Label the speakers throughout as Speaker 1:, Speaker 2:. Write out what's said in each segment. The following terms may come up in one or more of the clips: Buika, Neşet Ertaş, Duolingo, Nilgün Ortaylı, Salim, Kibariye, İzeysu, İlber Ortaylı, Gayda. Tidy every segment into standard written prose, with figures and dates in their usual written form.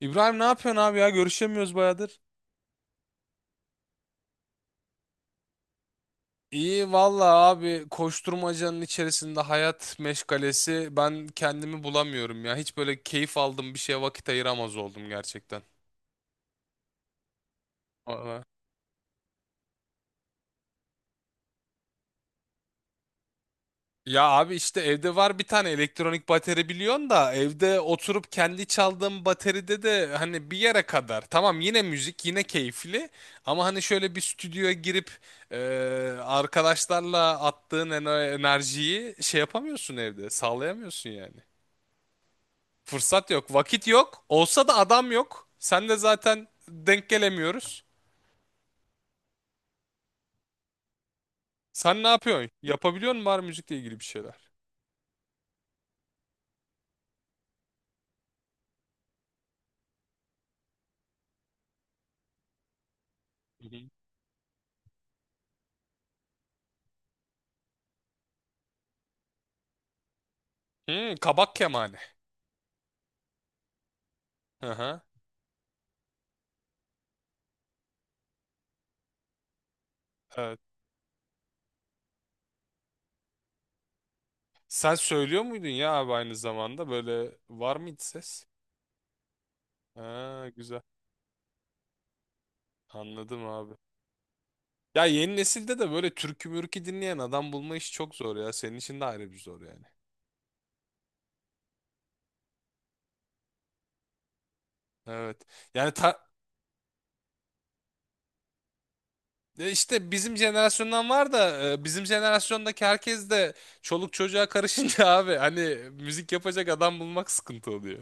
Speaker 1: İbrahim ne yapıyorsun abi ya? Görüşemiyoruz bayağıdır. İyi valla abi koşturmacanın içerisinde hayat meşgalesi ben kendimi bulamıyorum ya. Hiç böyle keyif aldığım bir şeye vakit ayıramaz oldum gerçekten. Valla. Ya abi işte evde var bir tane elektronik bateri biliyorsun da evde oturup kendi çaldığım bateride de hani bir yere kadar. Tamam yine müzik yine keyifli ama hani şöyle bir stüdyoya girip e, arkadaşlarla enerjiyi şey yapamıyorsun evde sağlayamıyorsun yani. Fırsat yok, vakit yok. Olsa da adam yok. Sen de zaten denk gelemiyoruz. Sen ne yapıyorsun? Yapabiliyor musun var müzikle ilgili bir şeyler? Hı hı. Hmm, kabak kemane. Hı hı. Evet. Sen söylüyor muydun ya abi aynı zamanda? Böyle var mıydı ses? Ha, güzel. Anladım abi. Ya yeni nesilde de böyle türkü mürkü dinleyen adam bulma işi çok zor ya. Senin için de ayrı bir zor yani. Evet. Yani ta- E İşte bizim jenerasyondan var da bizim jenerasyondaki herkes de çoluk çocuğa karışınca abi hani müzik yapacak adam bulmak sıkıntı oluyor.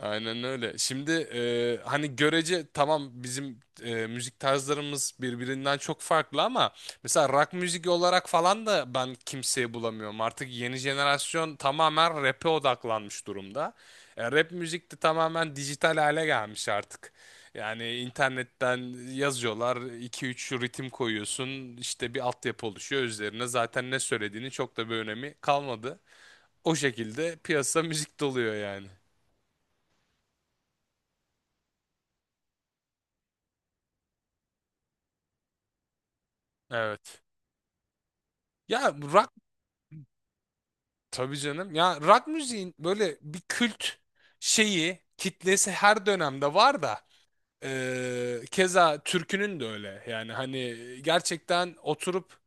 Speaker 1: Aynen öyle. Şimdi hani görece tamam bizim müzik tarzlarımız birbirinden çok farklı ama mesela rock müzik olarak falan da ben kimseyi bulamıyorum. Artık yeni jenerasyon tamamen rap'e odaklanmış durumda. Rap müzik de tamamen dijital hale gelmiş artık. Yani internetten yazıyorlar, 2-3 ritim koyuyorsun, işte bir altyapı oluşuyor üzerine. Zaten ne söylediğini çok da bir önemi kalmadı. O şekilde piyasa müzik doluyor yani. Evet. Ya rock tabii canım. Ya rock müziğin böyle bir kült şeyi, kitlesi her dönemde var da keza türkünün de öyle. Yani hani gerçekten oturup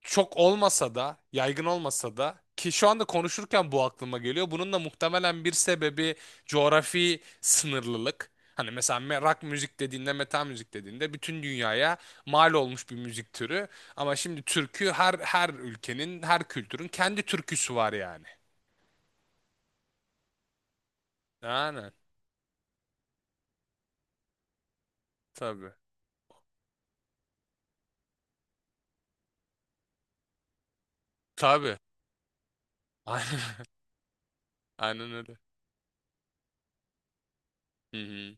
Speaker 1: çok olmasa da, yaygın olmasa da ki şu anda konuşurken bu aklıma geliyor. Bunun da muhtemelen bir sebebi coğrafi sınırlılık. Hani mesela rock müzik dediğinde, metal müzik dediğinde bütün dünyaya mal olmuş bir müzik türü. Ama şimdi türkü her ülkenin, her kültürün kendi türküsü var yani. Aynen. Tabii. Tabii. Aynen. Aynen öyle. Hı hı.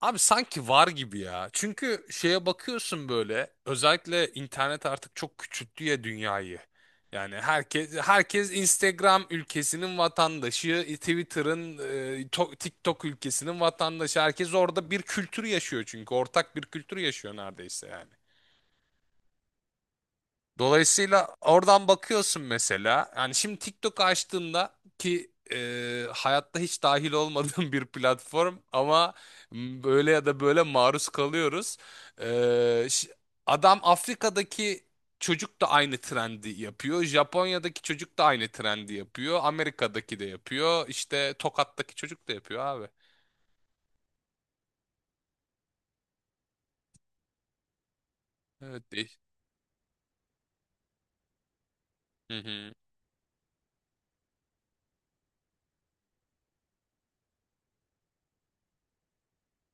Speaker 1: Abi sanki var gibi ya. Çünkü şeye bakıyorsun böyle özellikle internet artık çok küçülttü ya dünyayı. Yani herkes Instagram ülkesinin vatandaşı, Twitter'ın, TikTok ülkesinin vatandaşı. Herkes orada bir kültür yaşıyor çünkü ortak bir kültür yaşıyor neredeyse yani. Dolayısıyla oradan bakıyorsun mesela. Yani şimdi TikTok açtığımda ki hayatta hiç dahil olmadığım bir platform ama böyle ya da böyle maruz kalıyoruz. E, ş- Adam Afrika'daki çocuk da aynı trendi yapıyor. Japonya'daki çocuk da aynı trendi yapıyor. Amerika'daki de yapıyor. İşte Tokat'taki çocuk da yapıyor abi. Evet değil. Hı hı.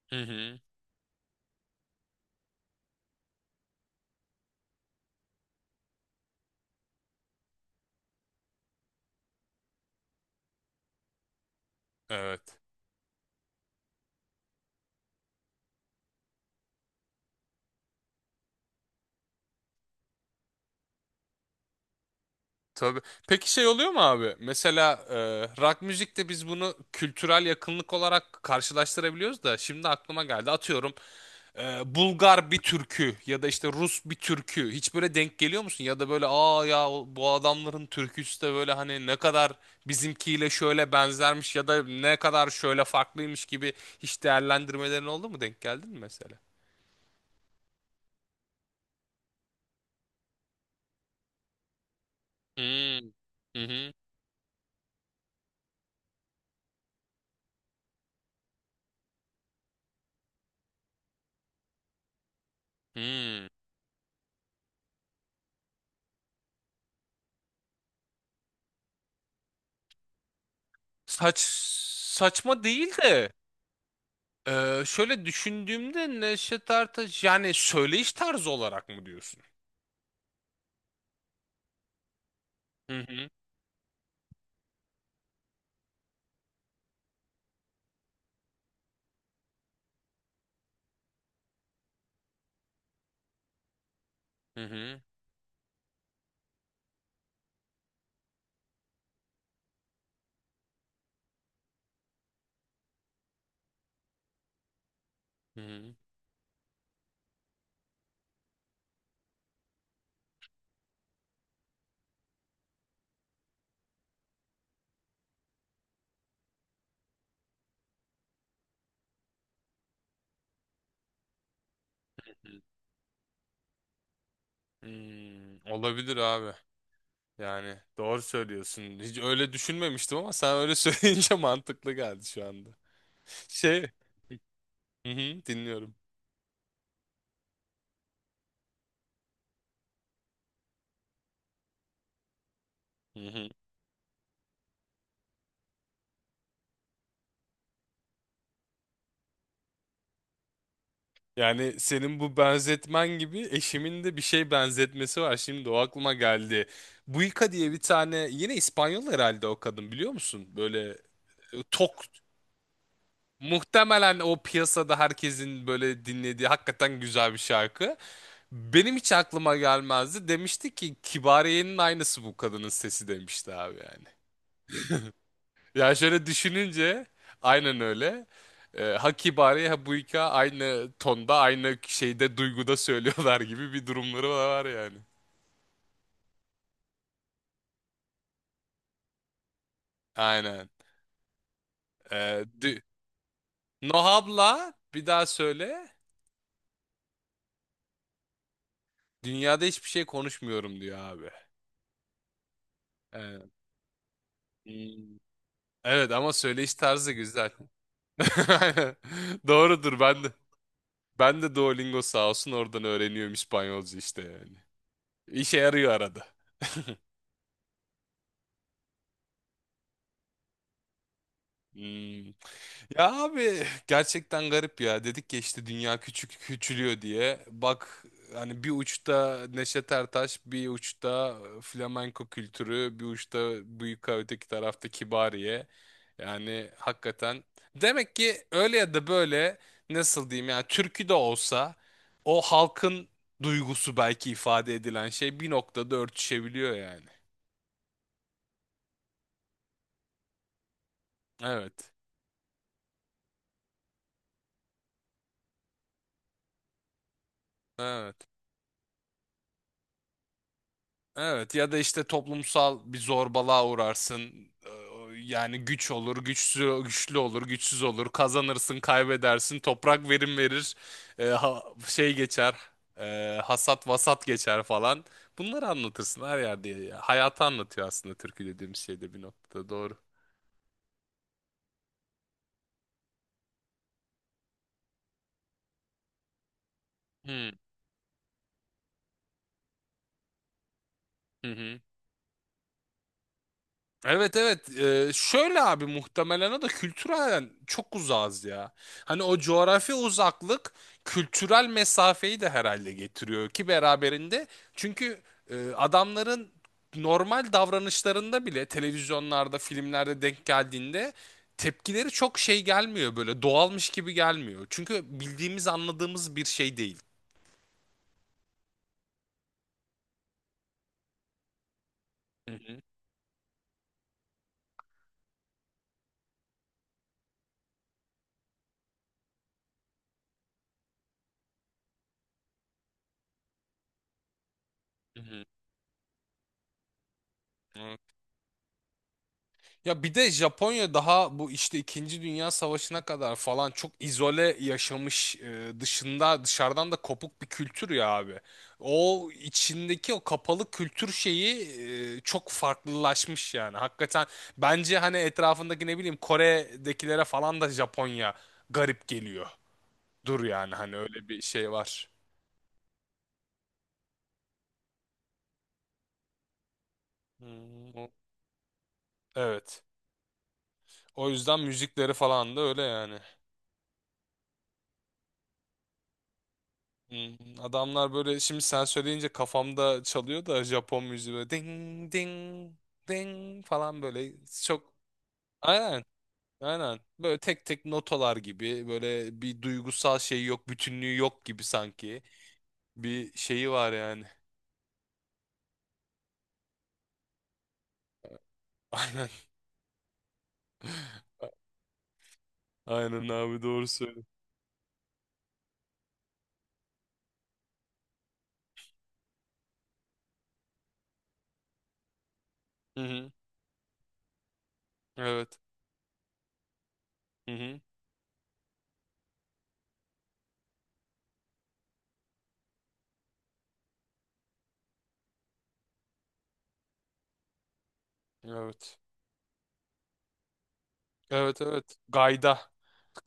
Speaker 1: Hı hı. Evet. Tabii. Peki şey oluyor mu abi? Mesela rock müzikte biz bunu kültürel yakınlık olarak karşılaştırabiliyoruz da şimdi aklıma geldi. Atıyorum Bulgar bir türkü ya da işte Rus bir türkü. Hiç böyle denk geliyor musun? Ya da böyle bu adamların türküsü de böyle hani ne kadar bizimkiyle şöyle benzermiş ya da ne kadar şöyle farklıymış gibi hiç değerlendirmelerin oldu mu? Denk geldin mi mesela? Hmm. Hı hı. Hmm. Saç Saçma değil de şöyle düşündüğümde Neşet Ertaş yani söyleyiş tarzı olarak mı diyorsun? Hı hı. Hı hı. Hı hı. Hmm, olabilir abi. Yani doğru söylüyorsun. Hiç öyle düşünmemiştim ama sen öyle söyleyince mantıklı geldi şu anda. Şey, hı hı, dinliyorum. Hı hı. Yani senin bu benzetmen gibi eşimin de bir şey benzetmesi var. Şimdi o aklıma geldi. Buika diye bir tane yine İspanyol herhalde o kadın biliyor musun? Böyle e, tok muhtemelen o piyasada herkesin böyle dinlediği hakikaten güzel bir şarkı. Benim hiç aklıma gelmezdi. Demişti ki Kibariye'nin aynısı bu kadının sesi demişti abi yani. Ya şöyle düşününce aynen öyle. Ha Kibariye ha Buyka aynı tonda aynı şeyde duyguda söylüyorlar gibi bir durumları var yani. Aynen. Ee, dü- Nohab'la bir daha söyle. Dünyada hiçbir şey konuşmuyorum diyor abi. Ee, hmm. Evet ama söyleyiş tarzı güzel. Aynen. Doğrudur ben de. Ben de Duolingo sağ olsun oradan öğreniyorum İspanyolca işte yani. İşe yarıyor arada. Hmm. Ya abi gerçekten garip ya. Dedik ya işte dünya küçük küçülüyor diye. Bak hani bir uçta Neşet Ertaş, bir uçta flamenko kültürü, bir uçta büyük öteki tarafta Kibariye. Yani hakikaten demek ki öyle ya da böyle nasıl diyeyim yani türkü de olsa o halkın duygusu belki ifade edilen şey bir noktada örtüşebiliyor yani. Evet. Evet. Evet ya da işte toplumsal bir zorbalığa uğrarsın. Ee, Yani güç olur, güçsüz, güçlü olur, güçsüz olur. Kazanırsın, kaybedersin. Toprak verim verir. Şey geçer. Hasat vasat geçer falan. Bunları anlatırsın her yerde. Ya, hayatı anlatıyor aslında türkü dediğim şey de bir noktada doğru. Hı hı. Hı. Evet evet. Şöyle abi muhtemelen o da kültürel çok uzağız ya. Hani o coğrafi uzaklık kültürel mesafeyi de herhalde getiriyor ki beraberinde. Çünkü adamların normal davranışlarında bile televizyonlarda filmlerde denk geldiğinde tepkileri çok şey gelmiyor böyle doğalmış gibi gelmiyor. Çünkü bildiğimiz anladığımız bir şey değil. Hı hı, hı hı. Ya bir de Japonya daha bu işte İkinci Dünya Savaşı'na kadar falan çok izole yaşamış e, dışında dışarıdan da kopuk bir kültür ya abi. O içindeki o kapalı kültür şeyi çok farklılaşmış yani. Hakikaten bence hani etrafındaki ne bileyim Kore'dekilere falan da Japonya garip geliyor. Dur yani hani öyle bir şey var. Hmm, o- Evet. O yüzden müzikleri falan da öyle yani. Hmm, adamlar böyle şimdi sen söyleyince kafamda çalıyor da Japon müziği böyle ding ding ding falan böyle çok, aynen aynen böyle tek tek notalar gibi böyle bir duygusal şey yok bütünlüğü yok gibi sanki bir şeyi var yani. Aynen aynen abi doğru söylüyorsun. Hı hı. Evet. Hı hı. Evet evet evet. Gayda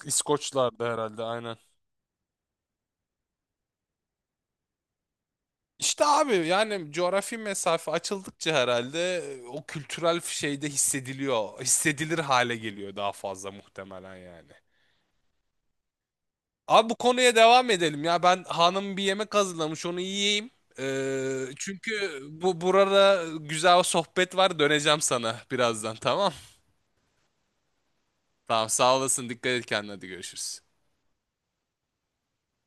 Speaker 1: İskoçlar'da herhalde aynen. İşte abi yani coğrafi mesafe açıldıkça herhalde o kültürel şeyde hissediliyor. Hissedilir hale geliyor daha fazla muhtemelen yani. Abi bu konuya devam edelim ya. Ben hanım bir yemek hazırlamış onu yiyeyim. Çünkü bu burada güzel sohbet var. Döneceğim sana birazdan tamam. Tamam sağ olasın. Dikkat et kendine. Hadi görüşürüz.